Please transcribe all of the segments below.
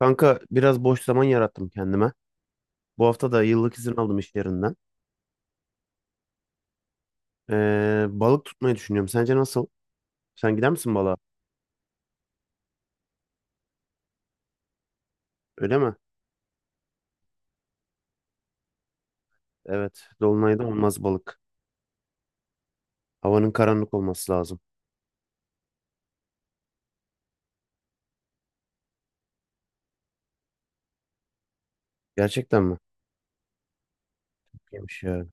Kanka biraz boş zaman yarattım kendime. Bu hafta da yıllık izin aldım iş yerinden. Balık tutmayı düşünüyorum. Sence nasıl? Sen gider misin balığa? Öyle mi? Evet. Dolunayda olmaz balık. Havanın karanlık olması lazım. Gerçekten mi? Yemiş ya.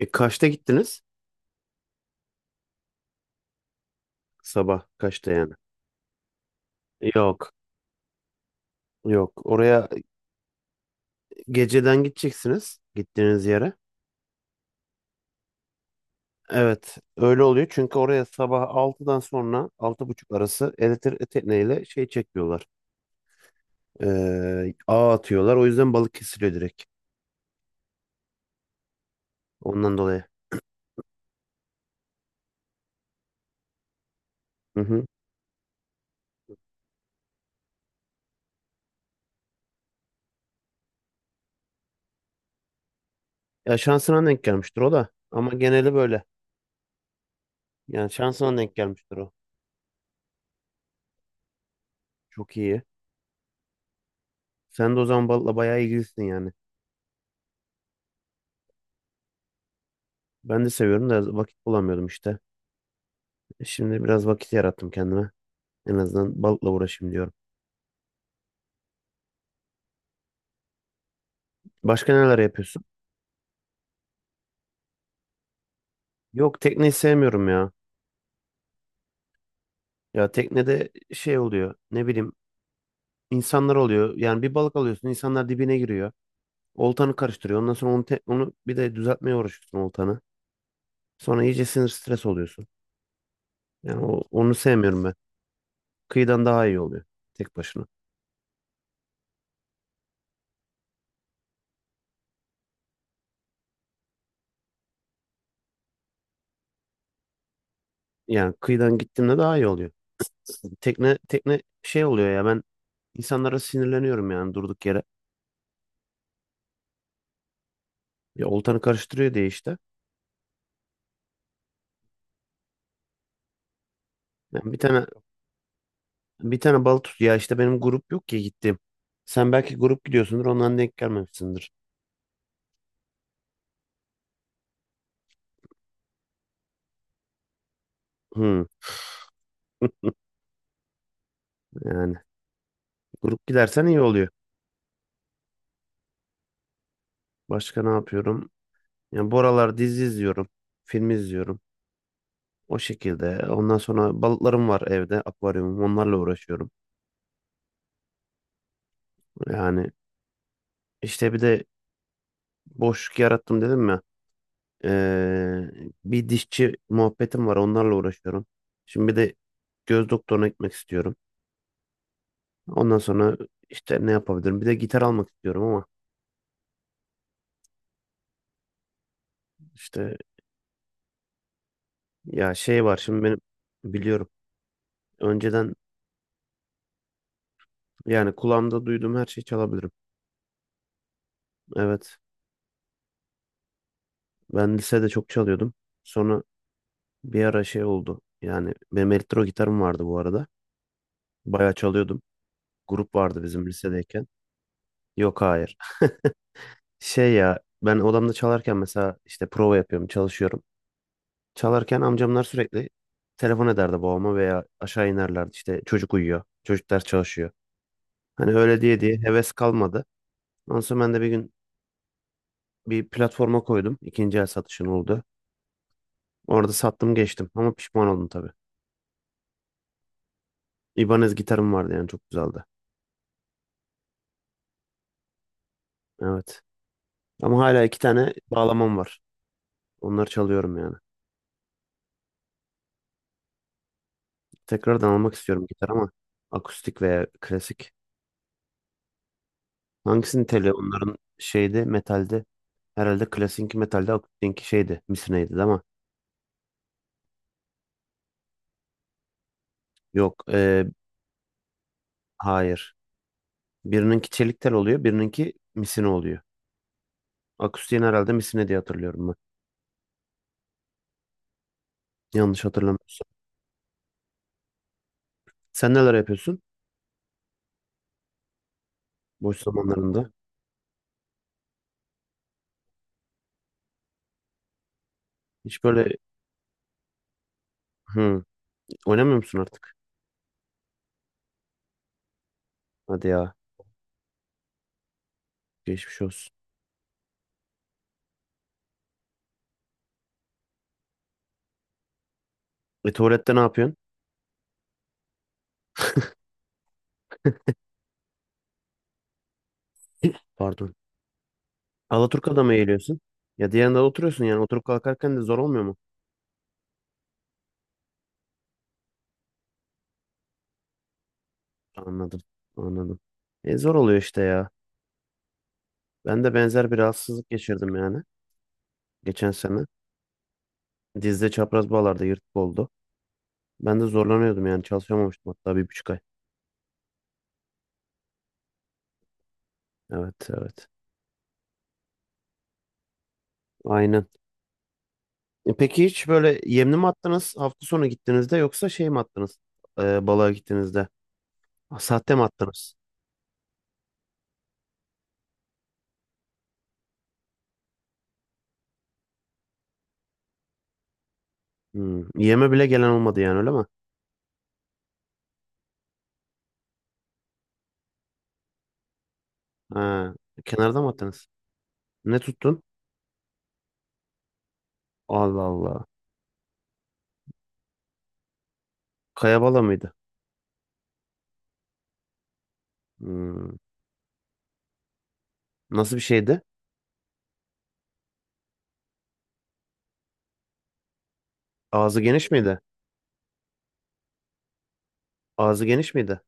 E kaçta gittiniz? Sabah kaçta yani? Yok. Yok. Oraya geceden gideceksiniz. Gittiğiniz yere. Evet. Öyle oluyor. Çünkü oraya sabah altıdan sonra altı buçuk arası elektrik tekneyle şey çekiyorlar. Ağ atıyorlar. O yüzden balık kesiliyor direkt. Ondan dolayı. Hı hı. Ya şansına denk gelmiştir o da. Ama geneli böyle. Yani şansına denk gelmiştir o. Çok iyi. Sen de o zaman balıkla bayağı ilgilisin yani. Ben de seviyorum da vakit bulamıyordum işte. Şimdi biraz vakit yarattım kendime. En azından balıkla uğraşayım diyorum. Başka neler yapıyorsun? Yok tekneyi sevmiyorum ya. Ya teknede şey oluyor. Ne bileyim insanlar oluyor. Yani bir balık alıyorsun insanlar dibine giriyor. Oltanı karıştırıyor. Ondan sonra onu, onu bir de düzeltmeye uğraşıyorsun oltanı. Sonra iyice sinir stres oluyorsun. Yani o, onu sevmiyorum ben. Kıyıdan daha iyi oluyor tek başına. Yani kıyıdan gittiğimde daha iyi oluyor. Tekne şey oluyor ya ben insanlara sinirleniyorum yani durduk yere. Ya oltanı karıştırıyor diye işte. Yani bir tane balık tut ya işte benim grup yok ki gittim. Sen belki grup gidiyorsundur ondan denk gelmemişsindir. Hı, yani grup gidersen iyi oluyor. Başka ne yapıyorum? Yani bu aralar dizi izliyorum. Film izliyorum. O şekilde. Ondan sonra balıklarım var evde, akvaryumum. Onlarla uğraşıyorum. Yani işte bir de boşluk yarattım dedim ya. Ee, Bir dişçi muhabbetim var. Onlarla uğraşıyorum. Şimdi bir de göz doktoruna gitmek istiyorum. Ondan sonra işte ne yapabilirim? Bir de gitar almak istiyorum ama işte ya şey var şimdi benim biliyorum. Önceden yani kulağımda duyduğum her şeyi çalabilirim. Evet. Ben lisede çok çalıyordum. Sonra bir ara şey oldu. Yani benim elektro gitarım vardı bu arada. Bayağı çalıyordum. Grup vardı bizim lisedeyken. Yok hayır. Şey ya ben odamda çalarken mesela işte prova yapıyorum, çalışıyorum. Çalarken amcamlar sürekli telefon ederdi babama veya aşağı inerlerdi. İşte çocuk uyuyor, çocuklar çalışıyor. Hani öyle diye diye heves kalmadı. Ondan sonra ben de bir gün bir platforma koydum. İkinci el satışın oldu. Orada sattım geçtim ama pişman oldum tabii. İbanez gitarım vardı yani çok güzeldi. Evet. Ama hala iki tane bağlamam var. Onları çalıyorum yani. Tekrardan almak istiyorum gitar ama akustik veya klasik. Hangisini tele onların şeydi metalde herhalde klasikki metalde akustikki şeydi misineydi değil mi? Yok hayır. Birininki çelik tel oluyor birininki misine oluyor. Akustiğin herhalde misine diye hatırlıyorum ben. Yanlış hatırlamıyorsam. Sen neler yapıyorsun boş zamanlarında? Hiç böyle hı, oynamıyor musun artık? Hadi ya geçmiş olsun. E tuvalette ne yapıyorsun? Pardon. Alaturka'da mı eğiliyorsun? Ya diğerinde oturuyorsun yani oturup kalkarken de zor olmuyor mu? Anladım. Anladım. E, zor oluyor işte ya. Ben de benzer bir rahatsızlık geçirdim yani. Geçen sene. Dizde çapraz bağlarda yırtık oldu. Ben de zorlanıyordum yani çalışamamıştım hatta bir buçuk ay. Evet evet. Aynen. E, peki hiç böyle yemli mi attınız hafta sonu gittiğinizde yoksa şey mi attınız? E, balığa gittiğinizde. Ha, Sahte mi attınız? Hmm. Yeme bile gelen olmadı yani öyle mi? Ha, kenarda mı attınız? Ne tuttun? Allah Allah. Kaya bala mıydı? Hmm. Nasıl bir şeydi? Ağzı geniş miydi? Ağzı geniş miydi?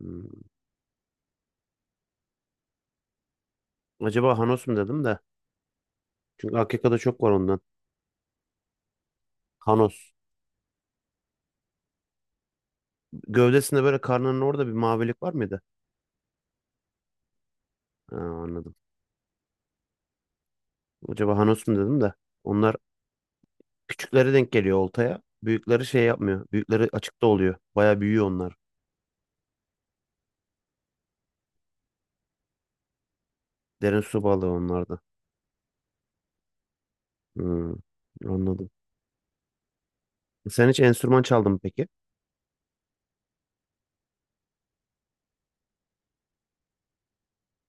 Hmm. Acaba Hanos mu dedim de. Çünkü AKK'da çok var ondan. Hanos. Gövdesinde böyle karnının orada bir mavilik var mıydı? Ha, anladım. Acaba Hanos mu dedim de. Onlar küçükleri denk geliyor oltaya. Büyükleri şey yapmıyor. Büyükleri açıkta oluyor. Baya büyüyor onlar. Derin su balığı onlar da. Hmm, anladım. Sen hiç enstrüman çaldın mı peki?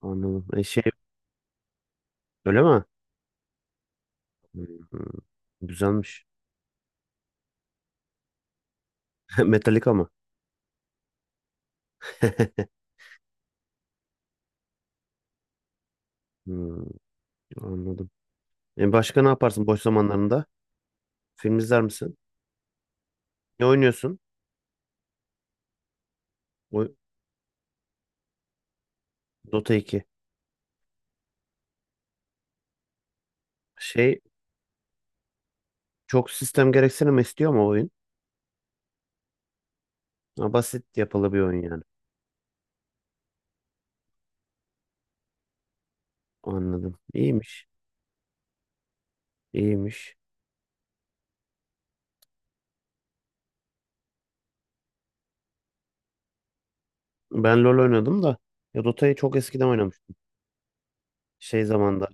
Anladım. E şey öyle mi? Hmm, güzelmiş. Metallica mı? Hmm, anladım. E başka ne yaparsın boş zamanlarında? Film izler misin? Ne oynuyorsun? Oy- Dota 2. Şey çok sistem gereksinimi istiyor ama oyun. Ha, basit yapılı bir oyun yani. Anladım. İyiymiş. İyiymiş. Ben LoL oynadım da ya Dota'yı çok eskiden oynamıştım. Şey zamanda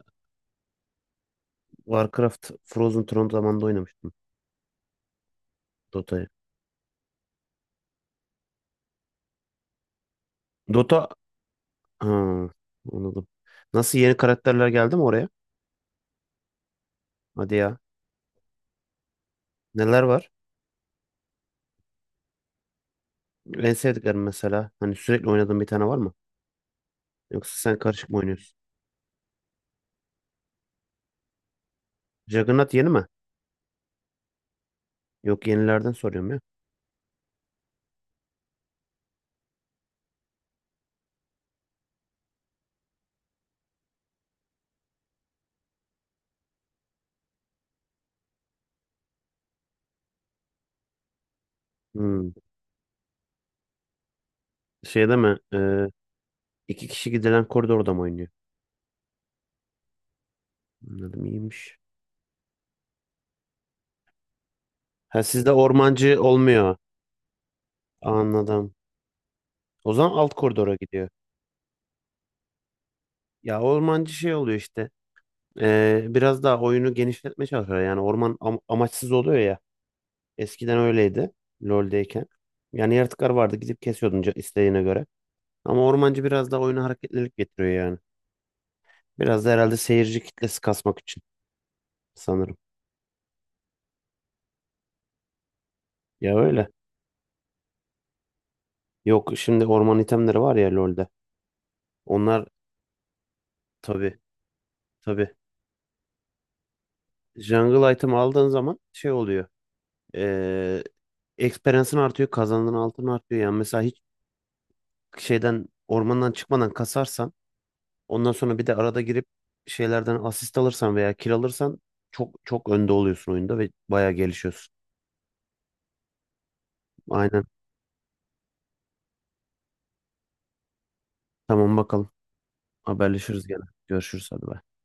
Warcraft Frozen Throne zamanında oynamıştım Dota'yı. Dota ha, anladım. Nasıl yeni karakterler geldi mi oraya? Hadi ya. Neler var? En sevdiklerim mesela. Hani sürekli oynadığın bir tane var mı? Yoksa sen karışık mı oynuyorsun? Juggernaut yeni mi? Yok yenilerden soruyorum ya. Hmm. Şeyde mi? İki kişi gidilen koridorda mı oynuyor? Anladım iyiymiş. Ha sizde ormancı olmuyor. Anladım. O zaman alt koridora gidiyor. Ya ormancı şey oluyor işte. Biraz daha oyunu genişletmeye çalışıyor. Yani orman amaçsız oluyor ya. Eskiden öyleydi. LoL'deyken. Yani yaratıklar vardı gidip kesiyordun isteğine göre. Ama ormancı biraz daha oyuna hareketlilik getiriyor yani. Biraz da herhalde seyirci kitlesi kasmak için sanırım. Ya öyle. Yok şimdi orman itemleri var ya LoL'de. Onlar Tabii tabii. Jungle item aldığın zaman şey oluyor. Eee Experience'ın artıyor. Kazandığın altın artıyor. Yani mesela hiç şeyden ormandan çıkmadan kasarsan ondan sonra bir de arada girip şeylerden asist alırsan veya kill alırsan çok çok önde oluyorsun oyunda ve bayağı gelişiyorsun. Aynen. Tamam bakalım. Haberleşiriz gene. Görüşürüz hadi. Bay.